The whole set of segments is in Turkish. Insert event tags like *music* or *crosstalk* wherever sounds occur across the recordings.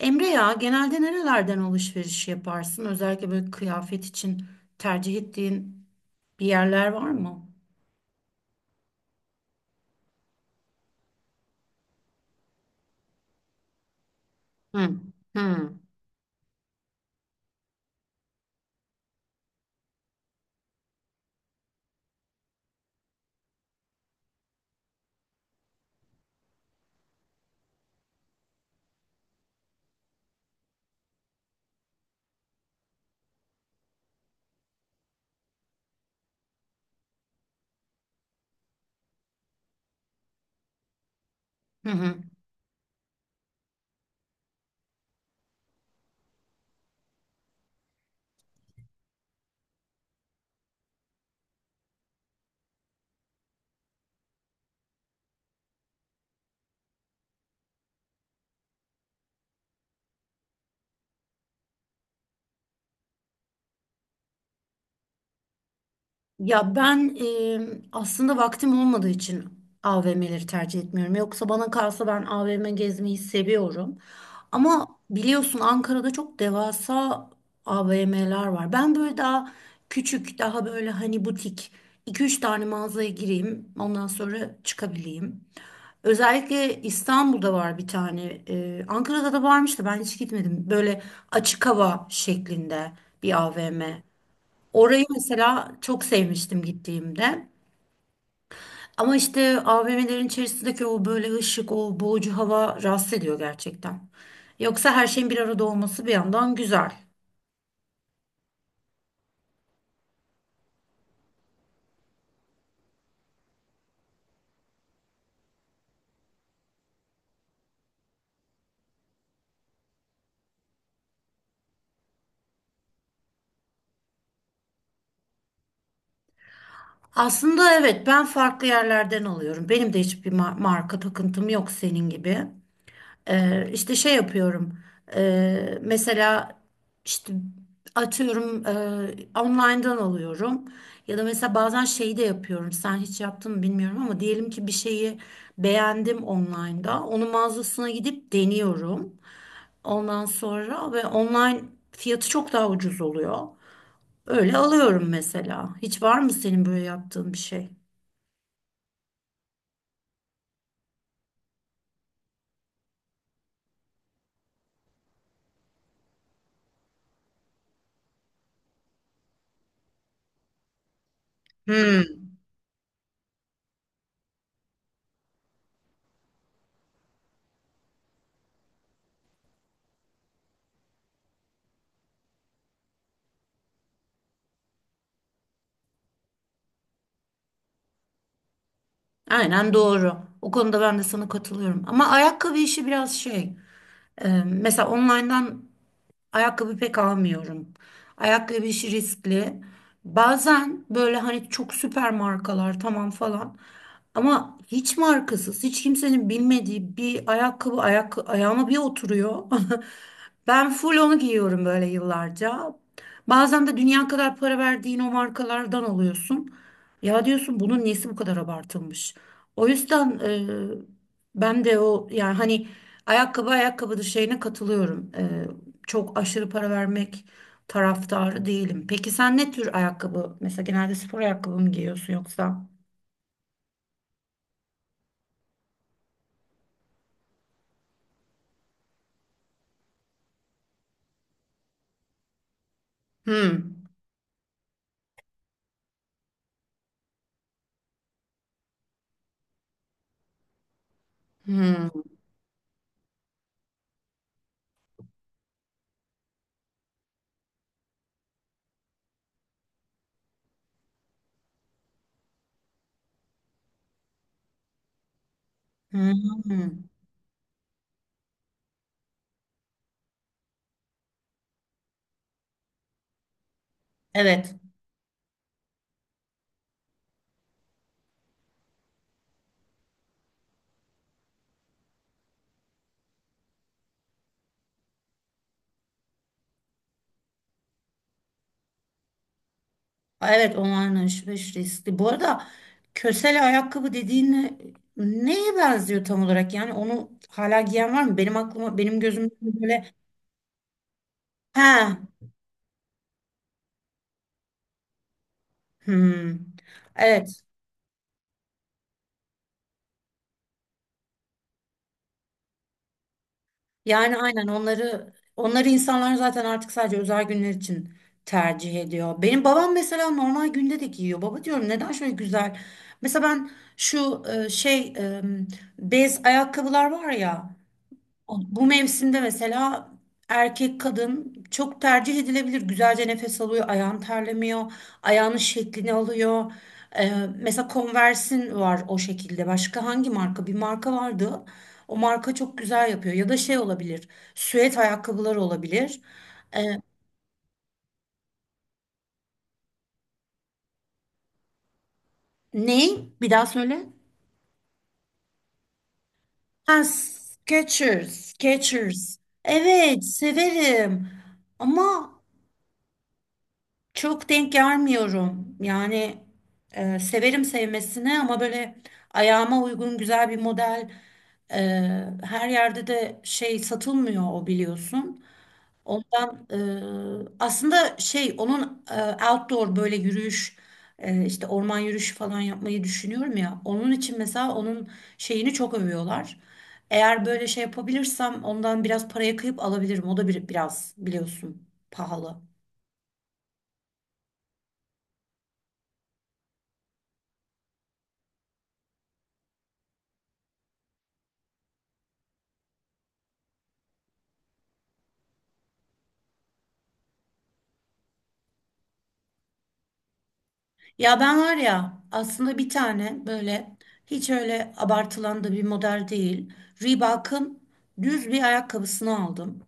Emre ya genelde nerelerden alışveriş yaparsın? Özellikle böyle kıyafet için tercih ettiğin bir yerler var mı? Hı, hı, hı, hı. Ya ben aslında vaktim olmadığı için AVM'leri tercih etmiyorum. Yoksa bana kalsa ben AVM gezmeyi seviyorum. Ama biliyorsun Ankara'da çok devasa AVM'ler var. Ben böyle daha küçük, daha böyle hani butik iki üç tane mağazaya gireyim, ondan sonra çıkabileyim. Özellikle İstanbul'da var bir tane. Ankara'da da varmış da ben hiç gitmedim. Böyle açık hava şeklinde bir AVM. Orayı mesela çok sevmiştim gittiğimde. Ama işte AVM'lerin içerisindeki o böyle ışık, o boğucu hava rahatsız ediyor gerçekten. Yoksa her şeyin bir arada olması bir yandan güzel. Aslında evet ben farklı yerlerden alıyorum. Benim de hiçbir marka takıntım yok senin gibi. İşte şey yapıyorum. Mesela işte atıyorum online'dan alıyorum. Ya da mesela bazen şeyi de yapıyorum. Sen hiç yaptın mı bilmiyorum ama diyelim ki bir şeyi beğendim online'da. Onun mağazasına gidip deniyorum. Ondan sonra ve online fiyatı çok daha ucuz oluyor. Öyle alıyorum mesela. Hiç var mı senin böyle yaptığın bir şey? Hmm, aynen doğru. O konuda ben de sana katılıyorum. Ama ayakkabı işi biraz şey. Mesela online'dan ayakkabı pek almıyorum. Ayakkabı işi riskli. Bazen böyle hani çok süper markalar tamam falan. Ama hiç markasız, hiç kimsenin bilmediği bir ayakkabı ayağıma bir oturuyor. *laughs* Ben full onu giyiyorum böyle yıllarca. Bazen de dünya kadar para verdiğin o markalardan alıyorsun. Ya diyorsun bunun nesi bu kadar abartılmış? O yüzden ben de o yani hani ayakkabı ayakkabıdır şeyine katılıyorum, çok aşırı para vermek taraftarı değilim. Peki sen ne tür ayakkabı? Mesela genelde spor ayakkabı mı giyiyorsun yoksa? Hmm. Hmm. Hmm. Evet. Evet, online alışveriş riskli. Bu arada kösele ayakkabı dediğin neye benziyor tam olarak? Yani onu hala giyen var mı? Benim aklıma benim gözümde böyle he. Hmm. Evet. Yani aynen onları onları insanlar zaten artık sadece özel günler için tercih ediyor. Benim babam mesela normal günde de giyiyor. Baba diyorum neden şöyle güzel? Mesela ben şu şey bez ayakkabılar var ya, bu mevsimde mesela erkek kadın çok tercih edilebilir. Güzelce nefes alıyor, ayağın terlemiyor, ayağının şeklini alıyor. Ee, mesela Converse'in var o şekilde. Başka hangi marka? Bir marka vardı. O marka çok güzel yapıyor. Ya da şey olabilir, süet ayakkabılar olabilir. Ee, ne? Bir daha söyle. Ha, Skechers, Skechers. Evet, severim. Ama çok denk gelmiyorum. Yani severim sevmesine ama böyle ayağıma uygun güzel bir model e, her yerde de şey satılmıyor o biliyorsun. Ondan aslında şey onun outdoor böyle yürüyüş işte orman yürüyüşü falan yapmayı düşünüyorum ya. Onun için mesela onun şeyini çok övüyorlar. Eğer böyle şey yapabilirsem ondan biraz paraya kıyıp alabilirim. O da biraz biliyorsun pahalı. Ya ben var ya aslında bir tane böyle hiç öyle abartılan da bir model değil. Reebok'un düz bir ayakkabısını aldım.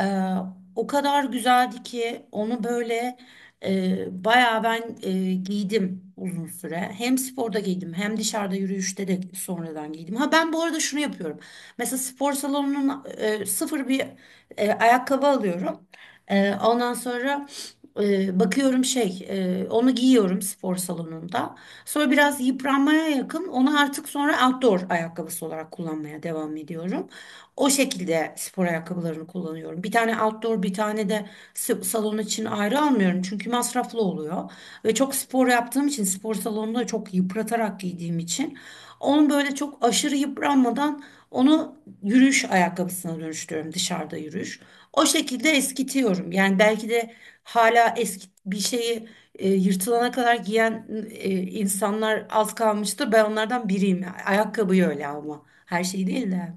Ee, o kadar güzeldi ki onu böyle bayağı ben giydim uzun süre. Hem sporda giydim hem dışarıda yürüyüşte de sonradan giydim. Ha ben bu arada şunu yapıyorum. Mesela spor salonunun sıfır bir ayakkabı alıyorum. Ondan sonra bakıyorum şey onu giyiyorum spor salonunda. Sonra biraz yıpranmaya yakın onu artık sonra outdoor ayakkabısı olarak kullanmaya devam ediyorum. O şekilde spor ayakkabılarını kullanıyorum. Bir tane outdoor, bir tane de salon için ayrı almıyorum. Çünkü masraflı oluyor. Ve çok spor yaptığım için, spor salonunda çok yıpratarak giydiğim için onu böyle çok aşırı yıpranmadan onu yürüyüş ayakkabısına dönüştürüyorum dışarıda yürüyüş. O şekilde eskitiyorum. Yani belki de hala eski bir şeyi yırtılana kadar giyen insanlar az kalmıştır. Ben onlardan biriyim. Ayakkabıyı öyle ama her şey değil de.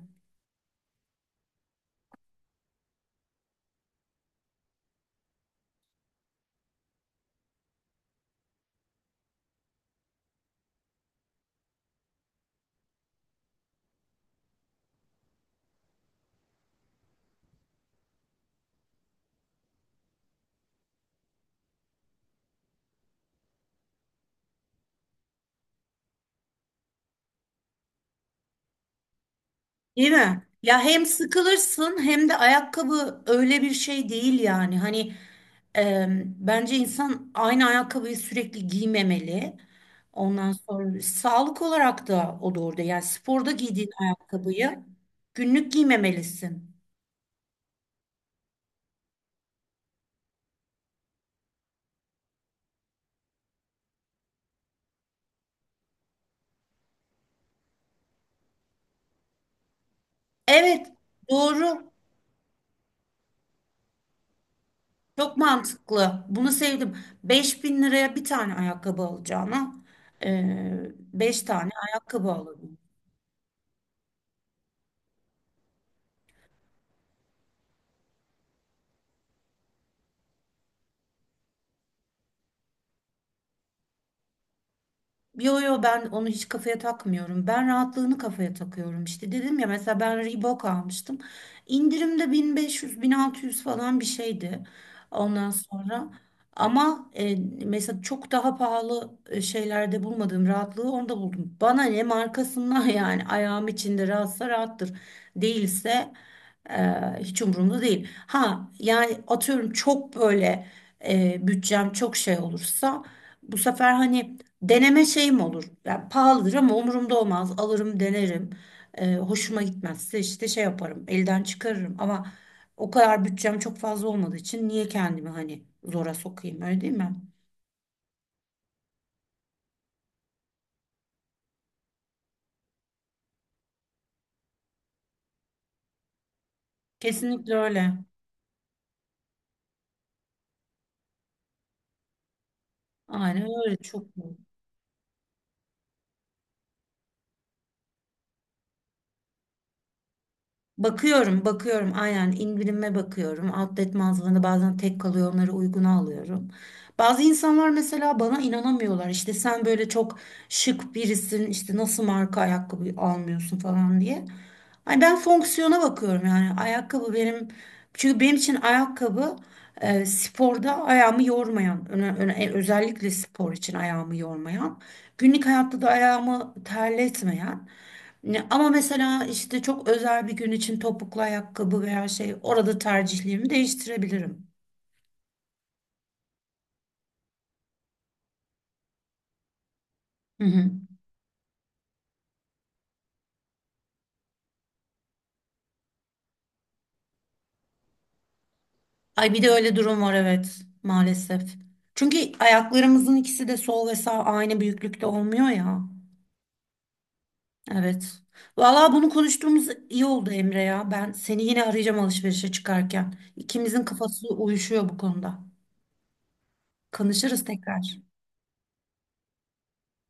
Değil mi? Ya hem sıkılırsın hem de ayakkabı öyle bir şey değil yani. Hani bence insan aynı ayakkabıyı sürekli giymemeli. Ondan sonra sağlık olarak da o doğru değil. Yani sporda giydiğin ayakkabıyı günlük giymemelisin. Evet, doğru. Çok mantıklı. Bunu sevdim. Beş bin liraya bir tane ayakkabı alacağına 5 tane ayakkabı alır. Yo yo ben onu hiç kafaya takmıyorum. Ben rahatlığını kafaya takıyorum. İşte dedim ya mesela ben Reebok almıştım. İndirimde bin, bin beş yüz, bin altı yüz falan bir şeydi. Ondan sonra ama mesela çok daha pahalı şeylerde bulmadığım rahatlığı onda buldum. Bana ne markasından *laughs* yani ayağım içinde rahatsa rahattır. Değilse e, hiç umurumda değil. Ha yani atıyorum çok böyle bütçem çok şey olursa bu sefer hani deneme şeyim olur. Yani pahalıdır ama umurumda olmaz. Alırım, denerim. Hoşuma gitmezse işte şey yaparım. Elden çıkarırım ama o kadar bütçem çok fazla olmadığı için niye kendimi hani zora sokayım öyle değil mi? Kesinlikle öyle. Aynen öyle çok. Bakıyorum, bakıyorum. Aynen indirime bakıyorum. Outlet mağazalarında bazen tek kalıyor, onları uyguna alıyorum. Bazı insanlar mesela bana inanamıyorlar. İşte sen böyle çok şık birisin, işte nasıl marka ayakkabı almıyorsun falan diye. Ay ben fonksiyona bakıyorum yani ayakkabı benim çünkü benim için ayakkabı sporda ayağımı yormayan, özellikle spor için ayağımı yormayan, günlük hayatta da ayağımı terletmeyen. Ama mesela işte çok özel bir gün için topuklu ayakkabı veya şey orada tercihlerimi değiştirebilirim. Hı hı. Ay bir de öyle durum var evet maalesef. Çünkü ayaklarımızın ikisi de sol ve sağ aynı büyüklükte olmuyor ya. Evet. Vallahi bunu konuştuğumuz iyi oldu Emre ya. Ben seni yine arayacağım alışverişe çıkarken. İkimizin kafası uyuşuyor bu konuda. Konuşuruz tekrar.